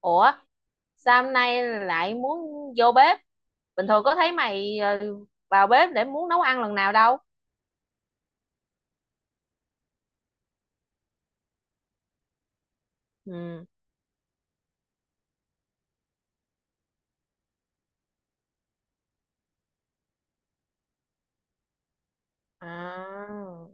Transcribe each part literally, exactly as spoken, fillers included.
ủa Sao hôm nay lại muốn vô bếp? Bình thường có thấy mày ờ, vào bếp để muốn nấu ăn lần nào đâu. Ừ, à,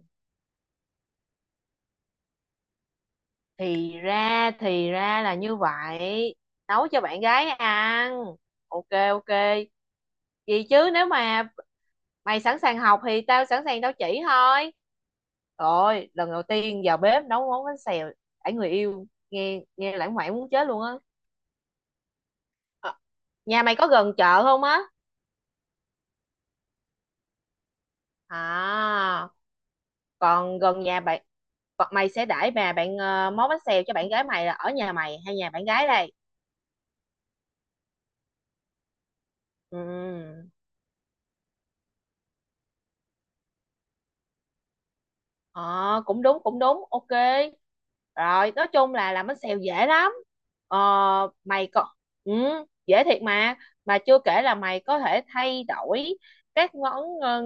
thì ra thì ra là như vậy. Nấu cho bạn gái ăn. Ok, ok, gì chứ nếu mà mày sẵn sàng học thì tao sẵn sàng tao chỉ thôi. Rồi lần đầu tiên vào bếp nấu món bánh xèo đãi người yêu, nghe nghe lãng mạn muốn chết luôn á. Ờ, nhà mày có gần chợ không á? À, còn gần nhà bạn, còn mày sẽ đãi bà bạn ờ, món bánh xèo cho bạn gái mày là ở nhà mày hay nhà bạn gái đây? Ừ, ờ cũng đúng cũng đúng, ok. Rồi nói chung là làm bánh xèo dễ lắm. ờ Mày có, ừ, dễ thiệt mà mà chưa kể là mày có thể thay đổi các món ờ,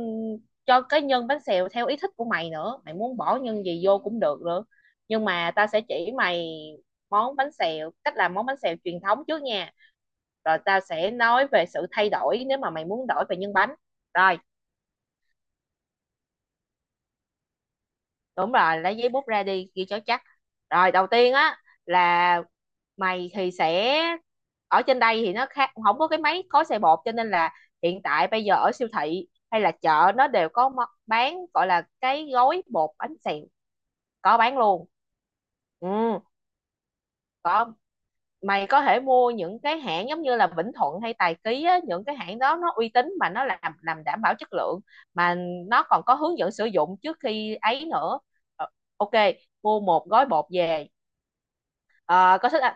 cho cái nhân bánh xèo theo ý thích của mày nữa, mày muốn bỏ nhân gì vô cũng được nữa. Nhưng mà ta sẽ chỉ mày món bánh xèo, cách làm món bánh xèo truyền thống trước nha, rồi tao sẽ nói về sự thay đổi nếu mà mày muốn đổi về nhân bánh. Rồi, đúng rồi, lấy giấy bút ra đi ghi cho chắc. Rồi đầu tiên á là mày thì sẽ, ở trên đây thì nó khác, không có cái máy gói xe bột cho nên là hiện tại bây giờ ở siêu thị hay là chợ nó đều có mo- bán gọi là cái gói bột bánh xèo, có bán luôn. Ừ, có, mày có thể mua những cái hãng giống như là Vĩnh Thuận hay Tài Ký á, những cái hãng đó nó uy tín mà nó làm làm đảm bảo chất lượng, mà nó còn có hướng dẫn sử dụng trước khi ấy nữa. Ờ, ok, mua một gói bột về. Ờ, có thích ăn,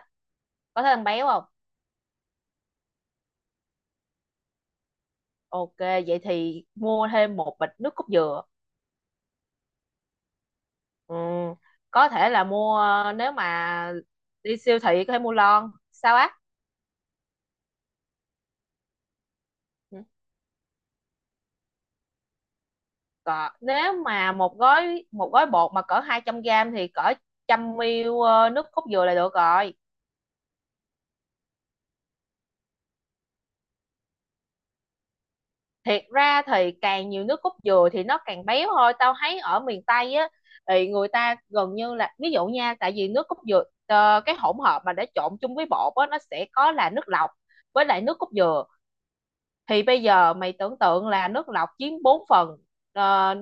có thích ăn béo không? Ok, vậy thì mua thêm một bịch nước cốt dừa. Ừ, có thể là mua, nếu mà đi siêu thị có thể mua lon sao á. Ừ, cỡ nếu mà một gói một gói bột mà cỡ hai trăm gam gram thì cỡ một trăm ml ờ, nước cốt dừa là được rồi. Thiệt ra thì càng nhiều nước cốt dừa thì nó càng béo thôi, tao thấy ở miền Tây á thì người ta gần như là, ví dụ nha, tại vì nước cốt dừa ờ, cái hỗn hợp mà để trộn chung với bột á nó sẽ có là nước lọc với lại nước cốt dừa, thì bây giờ mày tưởng tượng là nước lọc chiếm bốn phần, ờ,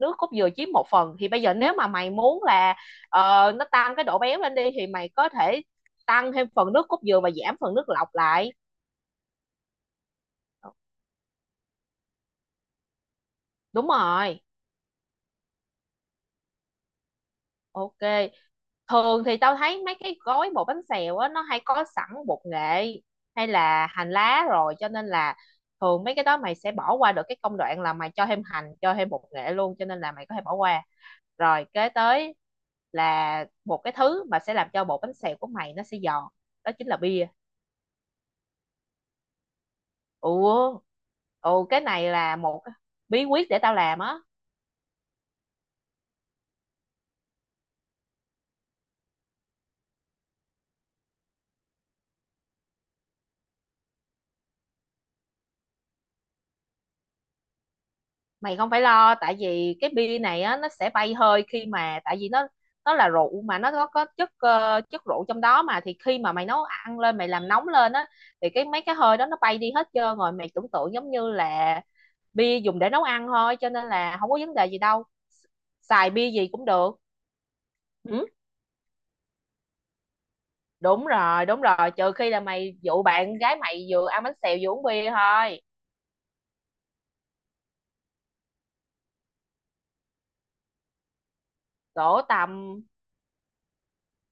nước cốt dừa chiếm một phần, thì bây giờ nếu mà mày muốn là ờ, nó tăng cái độ béo lên đi thì mày có thể tăng thêm phần nước cốt dừa và giảm phần nước lọc lại. Đúng rồi. Ok. Thường thì tao thấy mấy cái gói bột bánh xèo á nó hay có sẵn bột nghệ hay là hành lá rồi, cho nên là thường mấy cái đó mày sẽ bỏ qua được cái công đoạn là mày cho thêm hành, cho thêm bột nghệ luôn, cho nên là mày có thể bỏ qua. Rồi kế tới là một cái thứ mà sẽ làm cho bột bánh xèo của mày nó sẽ giòn, đó chính là bia. Ủa, ồ cái này là một bí quyết để tao làm á. Mày không phải lo tại vì cái bia này á nó sẽ bay hơi khi mà, tại vì nó nó là rượu mà nó có có chất ờ, chất rượu trong đó mà, thì khi mà mày nấu ăn lên mày làm nóng lên á thì cái mấy cái hơi đó nó bay đi hết trơn rồi, mày tưởng tượng giống như là bia dùng để nấu ăn thôi cho nên là không có vấn đề gì đâu, xài bia gì cũng được. Ừ, đúng rồi đúng rồi, trừ khi là mày dụ bạn gái mày vừa ăn bánh xèo vừa uống bia thôi. Đổ tầm,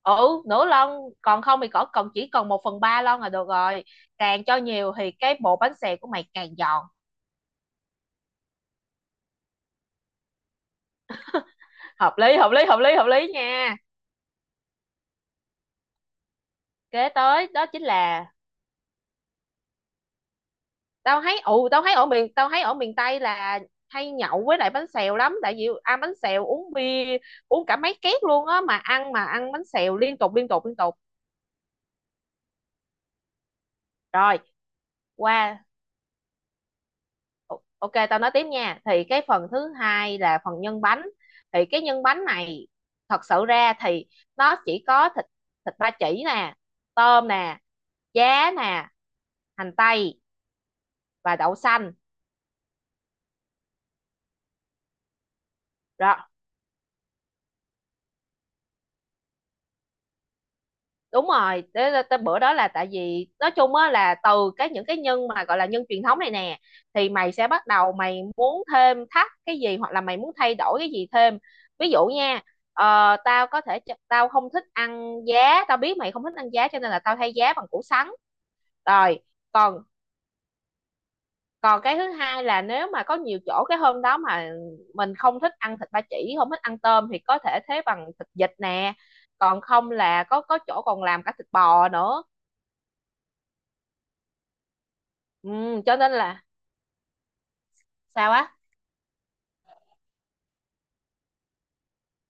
ừ, nửa lon, còn không thì cỡ còn chỉ còn một phần ba lon là được rồi, càng cho nhiều thì cái bột bánh xèo của mày càng giòn. Hợp lý hợp lý hợp lý hợp lý nha. Kế tới đó chính là, tao thấy, ừ, tao thấy ở miền tao thấy ở miền Tây là hay nhậu với lại bánh xèo lắm tại vì ăn bánh xèo uống bia uống cả mấy két luôn á, mà ăn, mà ăn bánh xèo liên tục liên tục liên tục. Rồi, qua, O- Ok tao nói tiếp nha, thì cái phần thứ hai là phần nhân bánh, thì cái nhân bánh này thật sự ra thì nó chỉ có thịt, thịt ba chỉ nè, tôm nè, giá nè, hành tây và đậu xanh. Rồi, đúng rồi, tới, tới, tới bữa đó là tại vì nói chung á là từ cái những cái nhân mà gọi là nhân truyền thống này nè thì mày sẽ bắt đầu mày muốn thêm thắt cái gì hoặc là mày muốn thay đổi cái gì thêm. Ví dụ nha, ờ, tao có thể ch- tao không thích ăn giá, tao biết mày không thích ăn giá, cho nên là tao thay giá bằng củ sắn. Rồi còn, còn cái thứ hai là nếu mà có nhiều chỗ cái hôm đó mà mình không thích ăn thịt ba chỉ, không thích ăn tôm thì có thể thế bằng thịt vịt nè, còn không là có có chỗ còn làm cả thịt bò nữa. Ừ, cho nên là sao á.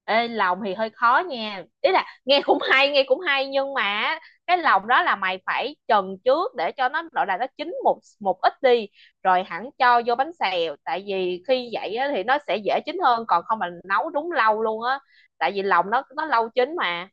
Ê, lòng thì hơi khó nha, ý là nghe cũng hay nghe cũng hay nhưng mà cái lòng đó là mày phải trần trước để cho nó gọi là nó chín một một ít đi rồi hẳn cho vô bánh xèo, tại vì khi vậy á thì nó sẽ dễ chín hơn, còn không mà nấu đúng lâu luôn á, tại vì lòng nó nó lâu chín mà.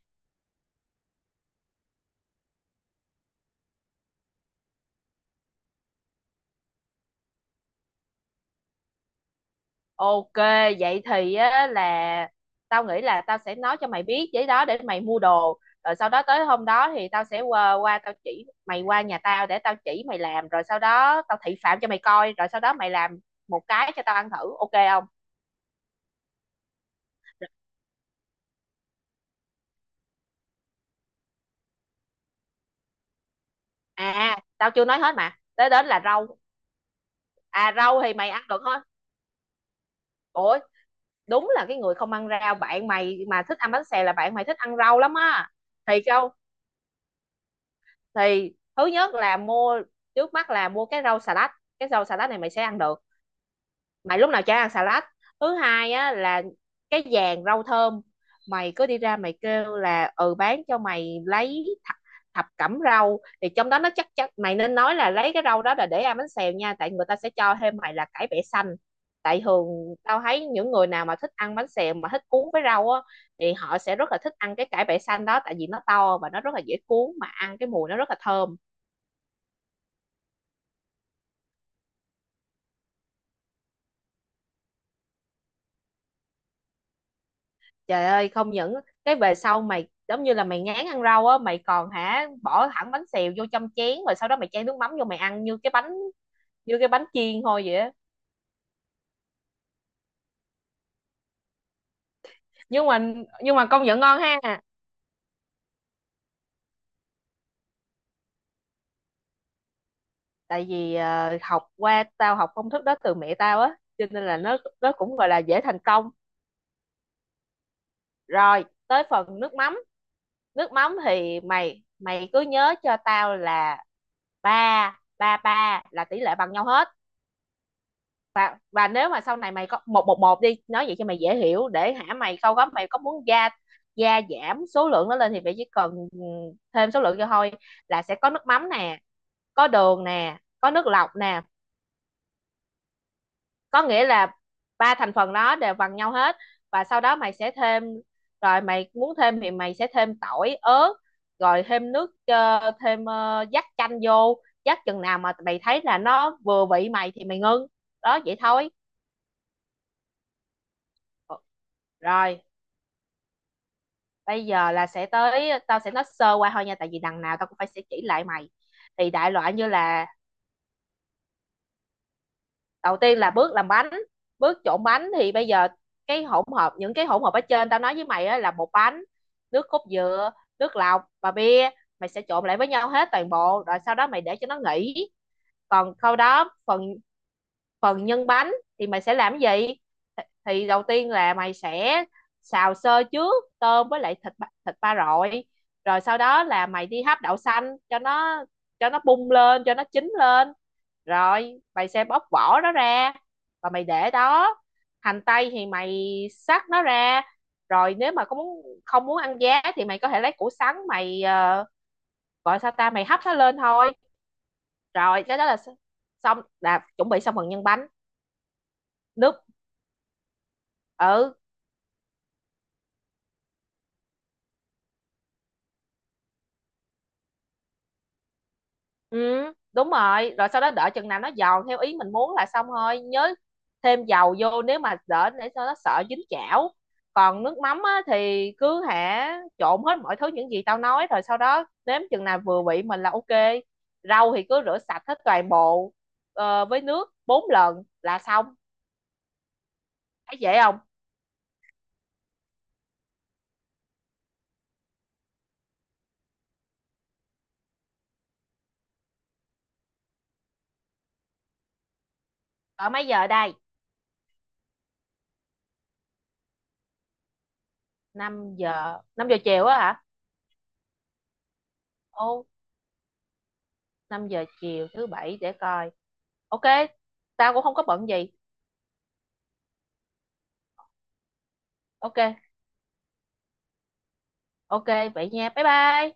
Ok, vậy thì á, là tao nghĩ là tao sẽ nói cho mày biết giấy đó để mày mua đồ. Rồi sau đó tới hôm đó thì tao sẽ qua, qua tao chỉ mày, qua nhà tao để tao chỉ mày làm. Rồi sau đó tao thị phạm cho mày coi. Rồi sau đó mày làm một cái cho tao ăn thử. Ok không? À, tao chưa nói hết mà. Tới đến là rau. À rau thì mày ăn được hết. Ủa, đúng là cái người không ăn rau. Bạn mày mà thích ăn bánh xèo là bạn mày thích ăn rau lắm á. Thì câu, thì thứ nhất là mua, trước mắt là mua cái rau xà lách, cái rau xà lách này mày sẽ ăn được, mày lúc nào chả ăn xà lách. Thứ hai á là cái vàng rau thơm, mày cứ đi ra mày kêu là ừ bán cho mày lấy thập, thập cẩm rau thì trong đó nó chắc chắc, mày nên nói là lấy cái rau đó là để ăn bánh xèo nha tại người ta sẽ cho thêm mày là cải bẹ xanh. Tại thường tao thấy những người nào mà thích ăn bánh xèo mà thích cuốn với rau á thì họ sẽ rất là thích ăn cái cải bẹ xanh đó, tại vì nó to và nó rất là dễ cuốn mà ăn, cái mùi nó rất là thơm. Trời ơi không những cái về sau mày giống như là mày ngán ăn rau á mày còn hả bỏ thẳng bánh xèo vô trong chén rồi sau đó mày chan nước mắm vô mày ăn như cái bánh, như cái bánh chiên thôi vậy á. Nhưng mà, nhưng mà công nhận ngon ha. Tại vì ờ, học qua, tao học công thức đó từ mẹ tao á cho nên là nó nó cũng gọi là dễ thành công. Rồi tới phần nước mắm. Nước mắm thì mày mày cứ nhớ cho tao là ba ba ba là tỷ lệ bằng nhau hết. Và và nếu mà sau này mày có một một một đi nói vậy cho mày dễ hiểu để hả, mày sau đó mày có muốn gia, gia giảm số lượng nó lên thì mày chỉ cần, ừ, thêm số lượng cho thôi, là sẽ có nước mắm nè, có đường nè, có nước lọc nè. Có nghĩa là ba thành phần đó đều bằng nhau hết, và sau đó mày sẽ thêm. Rồi mày muốn thêm thì mày sẽ thêm tỏi ớt, rồi thêm nước ờ, thêm ờ, dắt chanh vô, dắt chừng nào mà mày thấy là nó vừa vị mày thì mày ngưng. Đó, vậy thôi. Rồi bây giờ là sẽ tới, tao sẽ nói sơ qua thôi nha tại vì đằng nào tao cũng phải sẽ chỉ lại mày. Thì đại loại như là đầu tiên là bước làm bánh, bước trộn bánh, thì bây giờ cái hỗn hợp, những cái hỗn hợp ở trên tao nói với mày á, là bột bánh, nước cốt dừa, nước lọc và bia, mày sẽ trộn lại với nhau hết toàn bộ rồi sau đó mày để cho nó nghỉ. Còn sau đó phần, phần nhân bánh thì mày sẽ làm cái gì, thì đầu tiên là mày sẽ xào sơ trước tôm với lại thịt ba- thịt ba rọi, rồi sau đó là mày đi hấp đậu xanh cho nó, cho nó bung lên cho nó chín lên, rồi mày sẽ bóc vỏ nó ra và mày để đó. Hành tây thì mày xắt nó ra. Rồi nếu mà có muốn không muốn ăn giá thì mày có thể lấy củ sắn mày, ờ, gọi sao ta, mày hấp nó lên thôi. Rồi cái đó là xong, là chuẩn bị xong phần nhân bánh. Nước, ừ, ừ, đúng rồi, rồi sau đó đợi chừng nào nó giòn theo ý mình muốn là xong thôi, nhớ thêm dầu vô nếu mà đỡ để cho nó sợ dính chảo. Còn nước mắm á, thì cứ hả trộn hết mọi thứ những gì tao nói rồi sau đó nếm chừng nào vừa vị mình là ok. Rau thì cứ rửa sạch hết toàn bộ ờ, với nước bốn lần là xong. Thấy dễ không? Ở mấy giờ đây? Năm giờ, năm giờ chiều á hả? Ồ, năm giờ chiều thứ bảy để coi. Ok, tao cũng không có bận gì. Ok, Ok vậy nha. Bye bye.